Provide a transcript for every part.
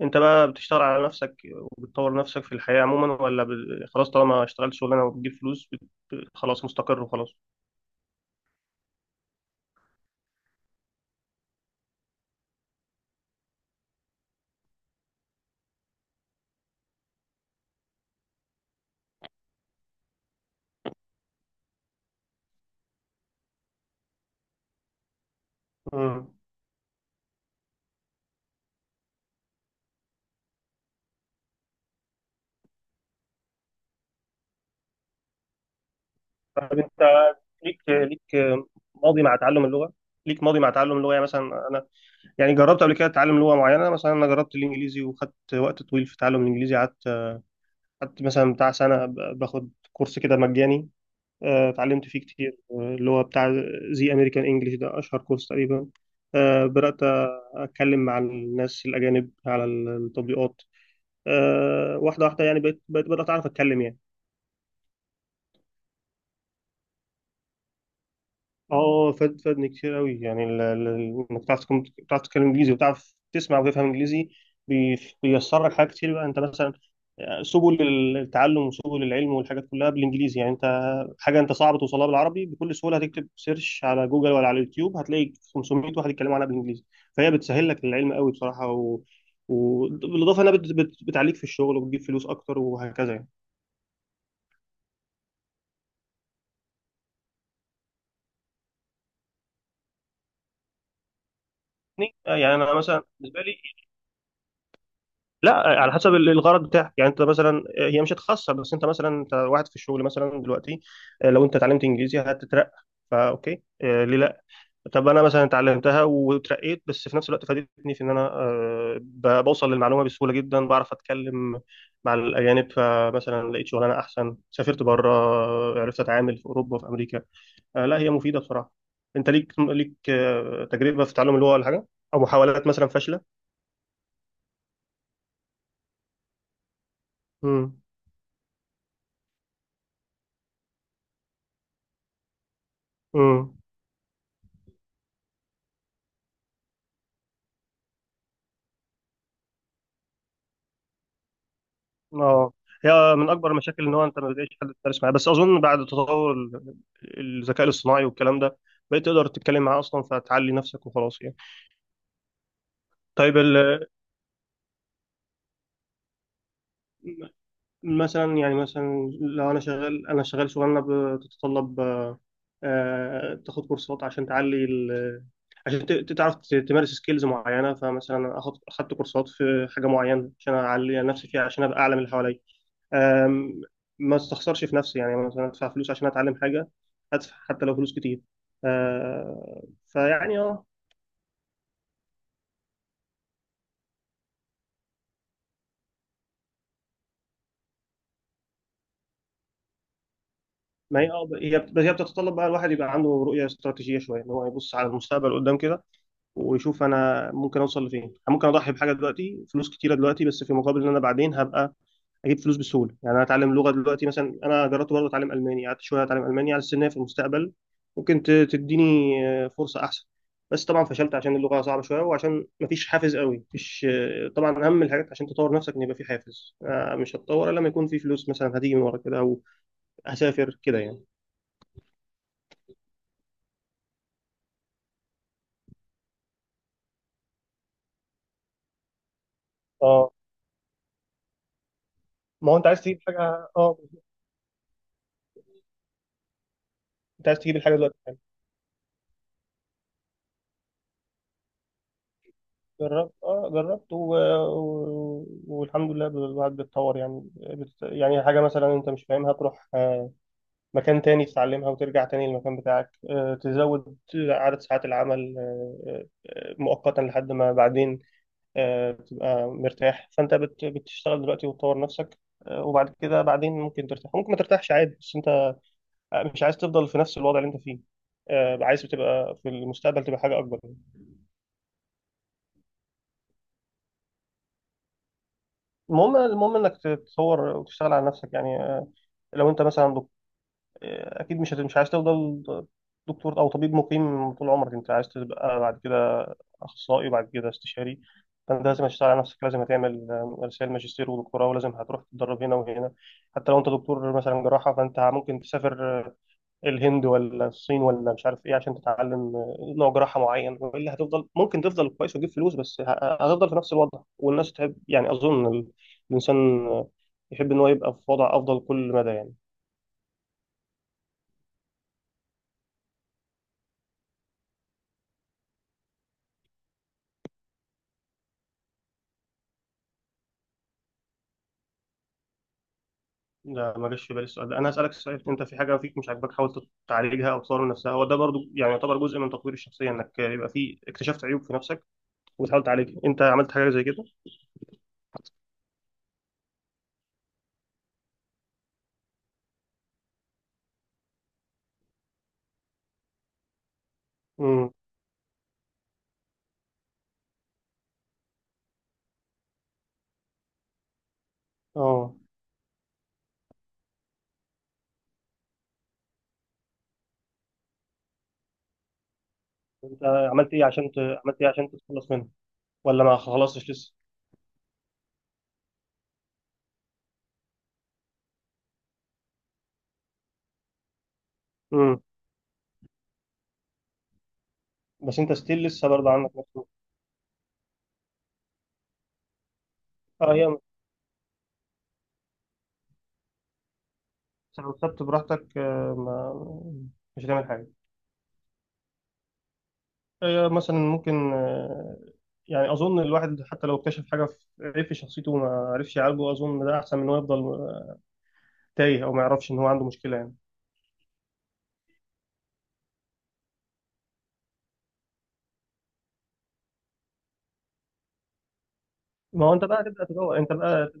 انت بقى بتشتغل على نفسك وبتطور نفسك في الحياة عموما ولا خلاص؟ طالما اشتغلت شغلانة وبتجيب فلوس خلاص مستقر وخلاص. امم. طب انت ليك ماضي مع تعلم اللغة؟ ليك ماضي مع تعلم اللغة، يعني مثلا انا يعني جربت قبل كده اتعلم لغة معينة، مثلا انا جربت الانجليزي وخدت وقت طويل في تعلم الانجليزي. قعدت مثلا بتاع سنة باخد كورس كده مجاني. اتعلمت فيه كتير، اللي هو بتاع زي امريكان انجلش ده، اشهر كورس تقريبا. بدات اتكلم مع الناس الاجانب على التطبيقات، واحده واحده، يعني بقيت بدات اعرف اتكلم يعني. اه، فادني كتير قوي، يعني انك بتعرف تتكلم انجليزي وبتعرف تسمع وتفهم انجليزي. بيسر لك حاجات كتير بقى. انت مثلا سبل التعلم وسبل العلم والحاجات كلها بالانجليزي، يعني انت حاجه انت صعب توصلها بالعربي بكل سهوله، هتكتب سيرش على جوجل ولا على اليوتيوب هتلاقي 500 واحد يتكلموا عنها بالانجليزي. فهي بتسهل لك العلم قوي بصراحه، وبالاضافه انها بتعليك في الشغل، وبتجيب فلوس اكتر وهكذا. يعني انا مثلا بالنسبه لي، لا، على حسب الغرض بتاعك. يعني انت مثلا هي مش هتخسر، بس انت مثلا، انت واحد في الشغل مثلا دلوقتي، لو انت اتعلمت انجليزي هتترقى، فا اوكي، ليه لا. طب انا مثلا اتعلمتها وترقيت، بس في نفس الوقت فادتني في ان انا بوصل للمعلومه بسهوله جدا، بعرف اتكلم مع الاجانب، فمثلا لقيت شغلانه احسن، سافرت بره، عرفت اتعامل في اوروبا وفي امريكا. لا، هي مفيده بصراحه. انت ليك تجربه في تعلم اللغه ولا حاجه، او محاولات مثلا فاشله؟ امم. اه هي من اكبر المشاكل ان هو انت ما بتلاقيش حد تدرس معاه، بس اظن بعد تطور الذكاء الاصطناعي والكلام ده، بقيت تقدر تتكلم معاه اصلا، فتعلي نفسك وخلاص يعني. طيب مثلا، يعني مثلا لو انا شغال، شغلانه بتتطلب تاخد كورسات عشان تعلي عشان تعرف تمارس سكيلز معينه، فمثلا اخدت كورسات في حاجه معينه عشان اعلي نفسي فيها عشان ابقى اعلى من اللي حواليا. أم، ما استخسرش في نفسي، يعني مثلا ادفع فلوس عشان اتعلم حاجه، هدفع حتى لو فلوس كتير. فيعني ما هي، هي بتتطلب بقى الواحد يبقى عنده رؤيه استراتيجيه شويه، ان هو يبص على المستقبل قدام كده، ويشوف انا ممكن اوصل لفين. أنا ممكن اضحي بحاجه دلوقتي، فلوس كتيره دلوقتي، بس في مقابل ان انا بعدين هبقى اجيب فلوس بسهوله. يعني انا اتعلم لغه دلوقتي مثلا، انا جربت برضه اتعلم الماني، قعدت شويه اتعلم الماني، على السنه في المستقبل ممكن تديني فرصه احسن. بس طبعا فشلت عشان اللغه صعبه شويه، وعشان مفيش حافز قوي مفيش، طبعا اهم الحاجات عشان تطور نفسك ان يبقى في حافز، مش هتطور الا لما يكون في فلوس مثلا هتيجي من ورا كده، او هسافر كده يعني. اه، ما هو انت عايز تجيب حاجه، اه انت عايز تجيب الحاجه دلوقتي يعني. جربت، جربت، والحمد لله الواحد بيتطور، يعني يعني حاجه مثلا انت مش فاهمها تروح مكان تاني تتعلمها وترجع تاني للمكان بتاعك، تزود عدد ساعات العمل، مؤقتا لحد ما بعدين، تبقى مرتاح. فأنت بتشتغل دلوقتي وتطور نفسك، وبعد كده بعدين ممكن ترتاح، ممكن ما ترتاحش عادي، بس أنت مش عايز تفضل في نفس الوضع اللي أنت فيه، عايز تبقى في المستقبل تبقى حاجة أكبر. المهم إنك تتطور وتشتغل على نفسك يعني. لو أنت مثلا، اكيد مش عايز تفضل دكتور او طبيب مقيم طول عمرك، انت عايز تبقى بعد كده اخصائي، وبعد كده استشاري. فانت لازم تشتغل على نفسك، لازم هتعمل رسائل ماجستير ودكتوراه، ولازم هتروح تتدرب هنا وهنا. حتى لو انت دكتور مثلا جراحه، فانت ممكن تسافر الهند ولا الصين ولا مش عارف ايه عشان تتعلم نوع جراحه معين، والا هتفضل، ممكن تفضل كويس وتجيب فلوس، بس هتفضل في نفس الوضع. والناس تحب، يعني اظن الانسان يحب ان هو يبقى في وضع افضل كل مدى يعني. لا، ما جاش في بالي السؤال ده. انا هسالك سؤال، انت في حاجه فيك مش عاجباك حاول تعالجها او تطور من نفسها؟ هو ده برضو يعني يعتبر جزء من تطوير الشخصيه، انك يبقى في اكتشفت عيوب في نفسك وتحاول تعالجها. انت عملت حاجه زي كده؟ امم. اه، انت عملت ايه عشان عملت ايه عشان تتخلص منها، ولا ما خلصتش لسه؟ امم. بس انت ستيل لسه برضه عندك نفسك. اه هي لو سبت براحتك، آه، ما... مش هتعمل حاجه. مثلا ممكن، يعني اظن الواحد حتى لو اكتشف حاجه في، عيب في شخصيته، وما عرفش يعالجه، اظن ده احسن من انه يفضل تايه او ما يعرفش ان هو عنده مشكله يعني. ما هو انت بقى تبدا تدور انت بقى.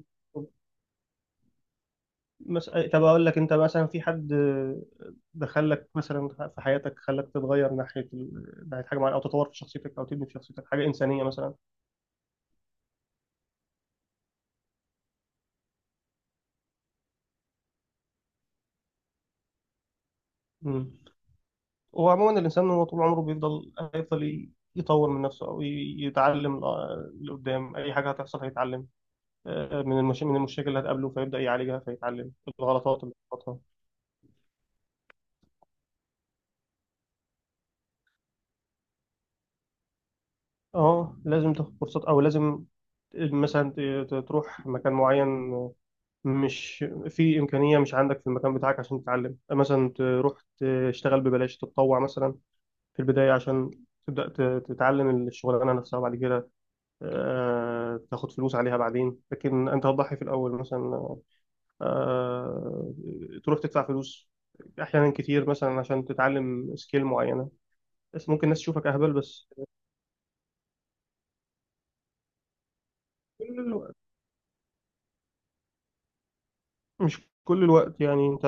طب اقول لك، انت مثلا في حد دخلك مثلا في حياتك خلاك تتغير ناحيه ناحيه حاجه معينه، او تطور في شخصيتك، او تبني في شخصيتك حاجه انسانيه مثلا؟ امم. وعموما الانسان هو طول عمره هيفضل يطور من نفسه، او يتعلم. لقدام اي حاجه هتحصل هيتعلم، من المشاكل اللي هتقابله فيبدا يعالجها، فيتعلم الغلطات اللي بتغلطها. اه، لازم تاخد كورسات، او لازم مثلا تروح مكان معين، مش في امكانيه، مش عندك في المكان بتاعك عشان تتعلم. مثلا تروح تشتغل ببلاش، تتطوع مثلا في البدايه، عشان تبدا تتعلم الشغلانه نفسها، وبعد كده تاخد فلوس عليها بعدين. لكن انت هتضحي في الاول مثلا، آه، تروح تدفع فلوس احيانا كتير مثلا عشان تتعلم سكيل معينه، بس ممكن الناس تشوفك اهبل. بس مش كل الوقت يعني. انت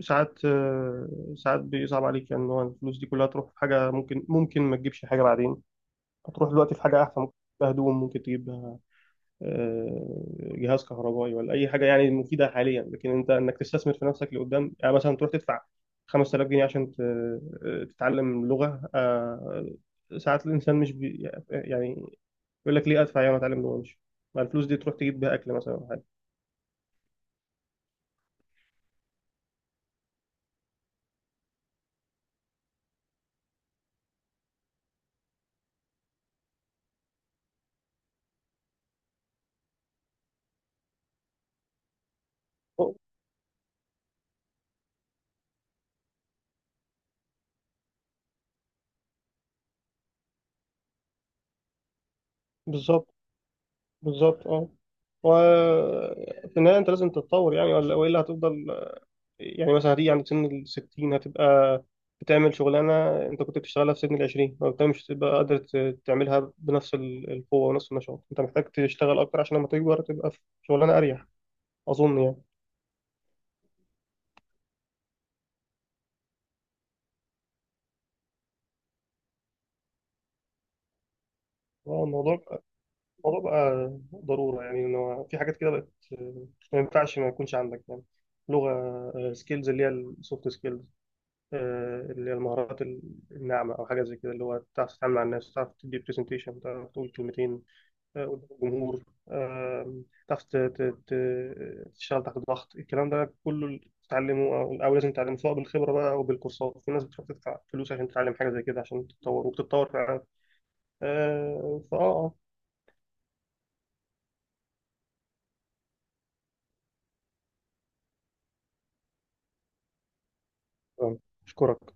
ساعات، ساعات بيصعب عليك، يعني ان هو الفلوس دي كلها تروح في حاجه ممكن ما تجيبش حاجه بعدين. هتروح دلوقتي في حاجه احسن، ممكن تجيبها هدوم، ممكن تجيبها جهاز كهربائي، ولا اي حاجه يعني مفيده حاليا، لكن انت انك تستثمر في نفسك لقدام، يعني مثلا تروح تدفع 5000 جنيه عشان تتعلم لغه، ساعات الانسان مش يعني يقول لك ليه ادفع يعني اتعلم لغه، مش ما الفلوس دي تروح تجيب بيها اكل مثلا، أو حاجه. بالظبط. بالظبط، اه. وفي النهاية أنت لازم تتطور، يعني ولا وإلا هتفضل يعني مثلا هتيجي عند سن الستين هتبقى بتعمل شغلانة أنت كنت بتشتغلها في سن العشرين، ما بتبقى مش تبقى قادر تعملها بنفس القوة ونفس النشاط. أنت محتاج تشتغل أكتر عشان لما تكبر تبقى في شغلانة أريح، أظن يعني. اه الموضوع، الموضوع بقى ضرورة يعني، إن هو في حاجات كده بقت ما ينفعش ما يكونش عندك، يعني لغة، سكيلز اللي هي السوفت سكيلز، اللي هي المهارات الناعمة، أو حاجة زي كده، اللي هو تعرف تتعامل مع الناس، تعرف تدي برزنتيشن، تعرف تقول كلمتين قدام الجمهور، آه، تعرف تشتغل تحت ضغط. الكلام ده كله تتعلمه، أو لازم تتعلمه، سواء بالخبرة بقى أو بالكورسات. في ناس بتروح تدفع فلوس عشان تتعلم حاجة زي كده عشان تتطور، وبتتطور فعلا. آه، فأه آه، آه، أشكرك.